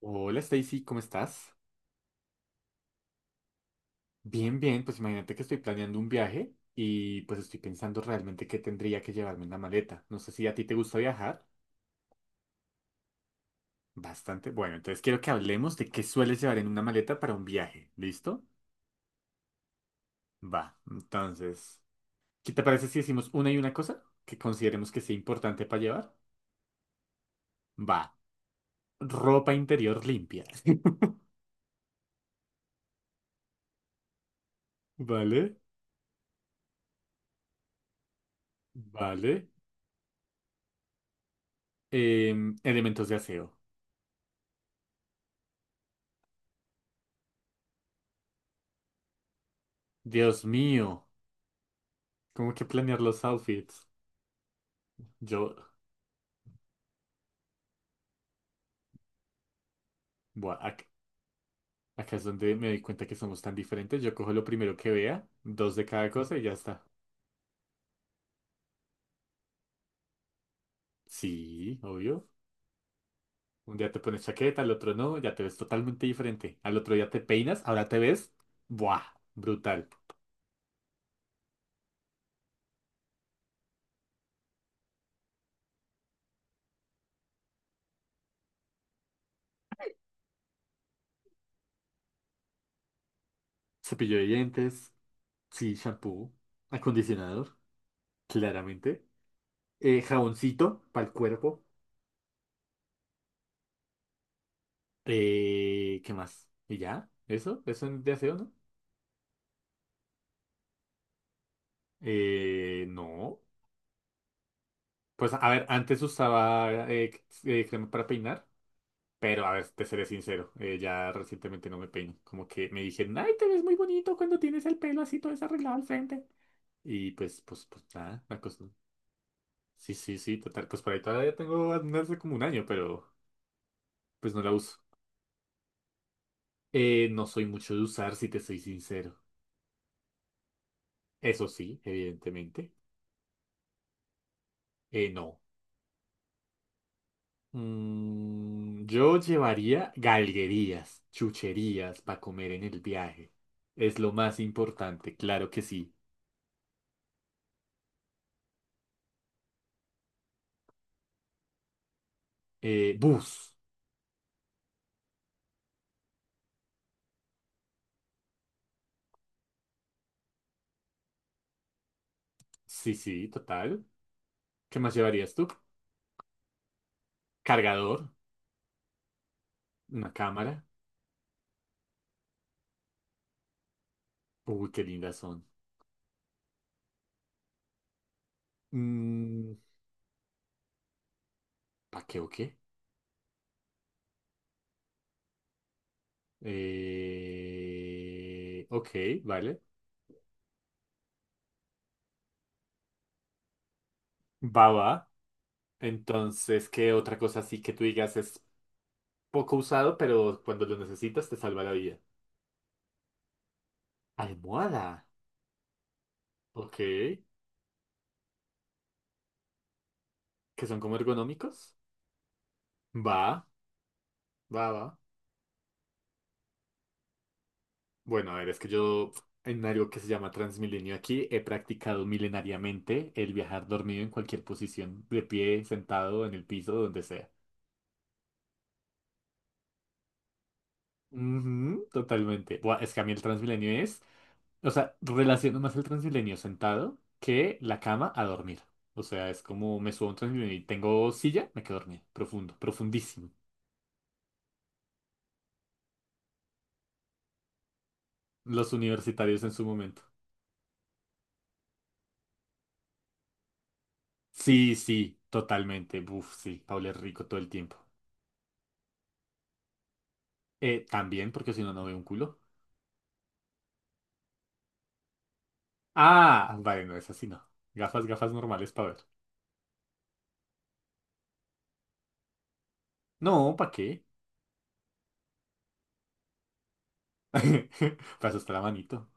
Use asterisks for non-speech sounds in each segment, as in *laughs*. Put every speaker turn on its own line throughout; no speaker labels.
Hola Stacy, ¿cómo estás? Bien, bien, pues imagínate que estoy planeando un viaje y pues estoy pensando realmente qué tendría que llevarme en la maleta. No sé si a ti te gusta viajar. Bastante. Bueno, entonces quiero que hablemos de qué sueles llevar en una maleta para un viaje. ¿Listo? Va. Entonces, ¿qué te parece si decimos una y una cosa que consideremos que sea importante para llevar? Va. Ropa interior limpia. *laughs* Vale, vale. Elementos de aseo. Dios mío, ¿cómo que planear los outfits? Yo, Buah, acá es donde me doy cuenta que somos tan diferentes. Yo cojo lo primero que vea, dos de cada cosa y ya está. Sí, obvio. Un día te pones chaqueta, al otro no, ya te ves totalmente diferente. Al otro día te peinas, ahora te ves, buah, brutal. Cepillo de dientes, sí, shampoo, acondicionador, claramente. Jaboncito para el cuerpo. ¿Qué más? ¿Y ya? ¿Eso? ¿Eso de aseo, no? No. Pues a ver, antes usaba crema para peinar. Pero a ver, te seré sincero, ya recientemente no me peino. Como que me dijeron, ay, te ves muy bonito cuando tienes el pelo así todo desarreglado al frente. Y pues nada, me acostumbré. Sí, sí, sí, total. Pues por ahí todavía tengo no hace como un año, pero pues no la uso. No soy mucho de usar, si te soy sincero. Eso sí, evidentemente. No. Yo llevaría galguerías, chucherías para comer en el viaje. Es lo más importante, claro que sí. Bus. Sí, sí, total. ¿Qué más llevarías tú? Cargador, una cámara. Uy, qué lindas son. Mm, ¿Pa' qué o qué? Ok, vale. Va, va. Entonces, ¿qué otra cosa así que tú digas es poco usado, pero cuando lo necesitas te salva la vida? Almohada. Ok. ¿Que son como ergonómicos? Va, va, va. Bueno, a ver, es que yo en algo que se llama Transmilenio aquí he practicado milenariamente el viajar dormido en cualquier posición, de pie, sentado, en el piso, donde sea. Ujú, totalmente. Buah, es que a mí el Transmilenio es, o sea, relaciono más el Transmilenio sentado que la cama a dormir. O sea, es como me subo a un Transmilenio y tengo silla, me quedo dormido, profundo, profundísimo. Los universitarios en su momento. Sí, sí, totalmente. Buf, sí, Paula es rico todo el tiempo. También, porque si no, no veo un culo. Ah, vale, no es así, no. Gafas, gafas normales para ver. No, ¿para qué? *laughs* Para eso está la manito.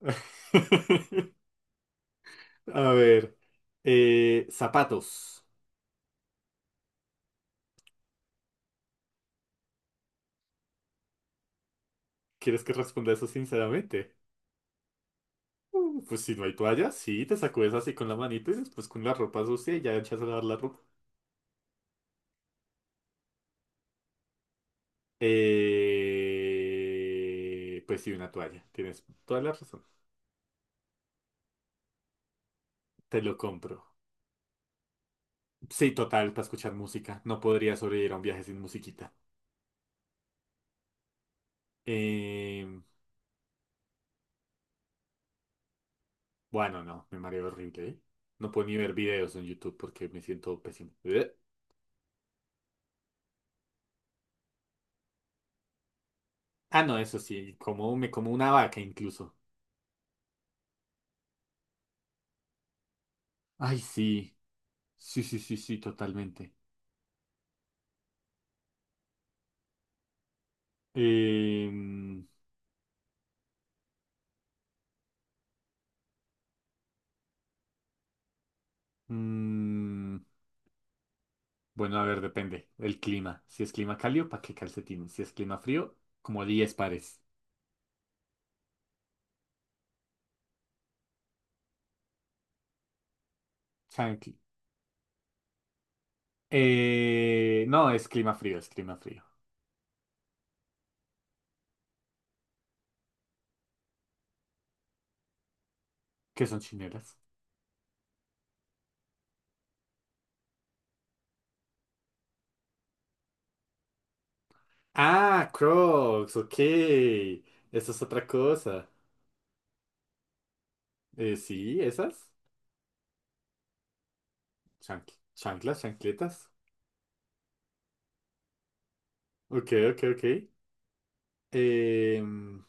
*laughs* A ver. Zapatos. ¿Quieres que responda eso sinceramente? Pues si no hay toalla, sí, te sacudes así con la manito y después con la ropa sucia y ya echas a lavar la ropa. Pues sí, una toalla. Tienes toda la razón. Te lo compro. Sí, total, para escuchar música. No podría sobrevivir a un viaje sin musiquita. Em, Bueno, no, me mareo horrible, ¿eh? No puedo ni ver videos en YouTube porque me siento pésimo. Ugh. Ah, no, eso sí, como me como una vaca incluso. Ay, sí, sí, sí, sí, sí, totalmente. Em, mm, bueno, a ver, depende. El clima. Si es clima cálido, ¿para qué calcetines? Si es clima frío, como 10 pares. Chanqui. No, es clima frío, es clima frío. ¿Qué son chineras? Ah, Crocs, ok. Eso es otra cosa. Sí, esas. Chanclas, chancletas. Ok, ok, ok. Em,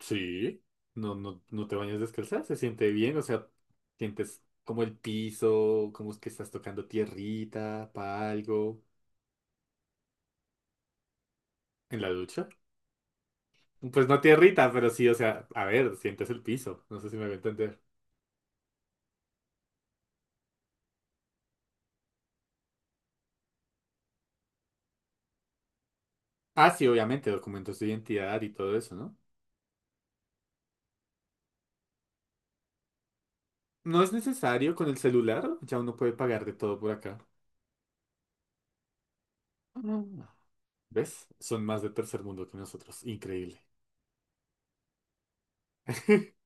sí, no, no, no te bañas descalza, se siente bien, o sea, sientes como el piso, como es que estás tocando tierrita para algo en la ducha. Pues no tierrita, pero sí, o sea, a ver, sientes el piso, no sé si me voy a entender. Ah, sí, obviamente, documentos de identidad y todo eso, ¿no? No es necesario con el celular, ya uno puede pagar de todo por acá. Ah. ¿Ves? Son más de tercer mundo que nosotros, increíble. *laughs*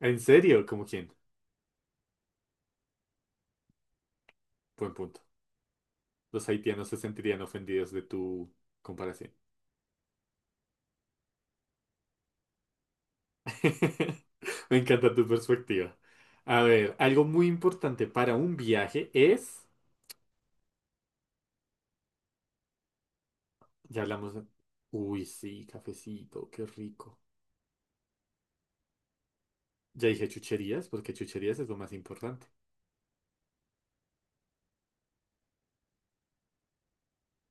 ¿En serio? ¿Cómo quién? Buen punto. Los haitianos se sentirían ofendidos de tu comparación. *laughs* Me encanta tu perspectiva. A ver, algo muy importante para un viaje es... Ya hablamos. Uy, sí, cafecito, qué rico. Ya dije chucherías, porque chucherías es lo más importante.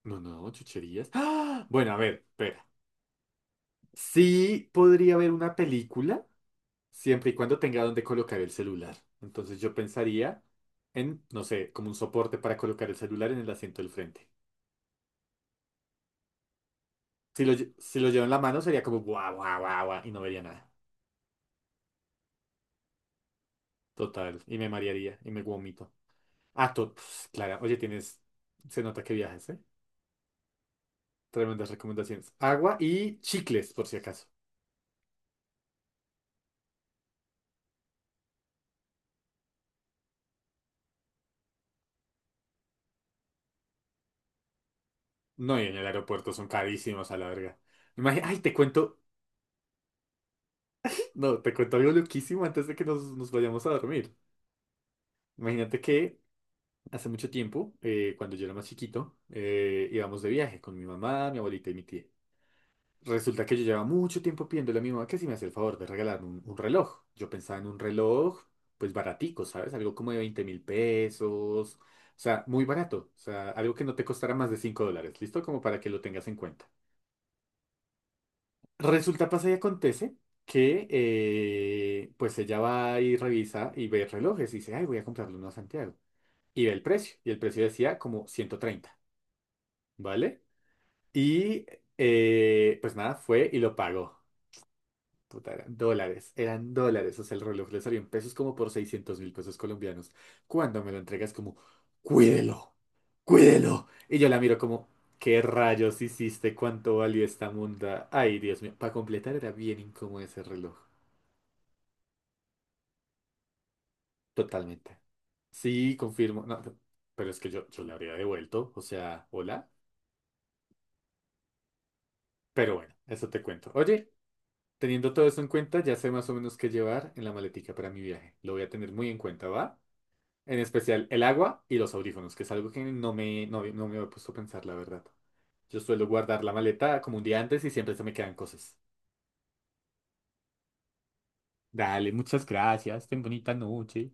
No, no, chucherías. ¡Ah! Bueno, a ver, espera. Sí podría haber una película. Siempre y cuando tenga donde colocar el celular. Entonces yo pensaría en, no sé, como un soporte para colocar el celular en el asiento del frente. Si lo llevo en la mano sería como guau, guau, guau, guau, y no vería nada. Total. Y me marearía y me vomito. Ah, Clara, oye, tienes. Se nota que viajas, ¿eh? Tremendas recomendaciones. Agua y chicles, por si acaso. No, y en el aeropuerto son carísimos a la verga. Imagínate, ay, te cuento. No, te cuento algo loquísimo antes de que nos vayamos a dormir. Imagínate que hace mucho tiempo, cuando yo era más chiquito, íbamos de viaje con mi mamá, mi abuelita y mi tía. Resulta que yo llevaba mucho tiempo pidiéndole a mi mamá que si me hacía el favor de regalarme un reloj. Yo pensaba en un reloj, pues baratico, ¿sabes? Algo como de 20.000 pesos. O sea, muy barato. O sea, algo que no te costara más de $5. ¿Listo? Como para que lo tengas en cuenta. Resulta, pasa y acontece que pues ella va y revisa y ve relojes y dice, ay, voy a comprarle uno a Santiago. Y ve el precio. Y el precio decía como 130. ¿Vale? Y pues nada, fue y lo pagó. Puta, eran dólares, eran dólares. O sea, el reloj le salió en pesos como por 600.000 pesos colombianos. Cuando me lo entregas como, cuídelo, cuídelo. Y yo la miro como, ¿qué rayos hiciste? ¿Cuánto valió esta munda? Ay, Dios mío. Para completar era bien incómodo ese reloj. Totalmente. Sí, confirmo. No, pero es que yo le habría devuelto. O sea, hola. Pero bueno, eso te cuento. Oye. Teniendo todo eso en cuenta, ya sé más o menos qué llevar en la maletica para mi viaje. Lo voy a tener muy en cuenta, ¿va? En especial el agua y los audífonos, que es algo que no me había puesto a pensar, la verdad. Yo suelo guardar la maleta como un día antes y siempre se me quedan cosas. Dale, muchas gracias. Ten bonita noche.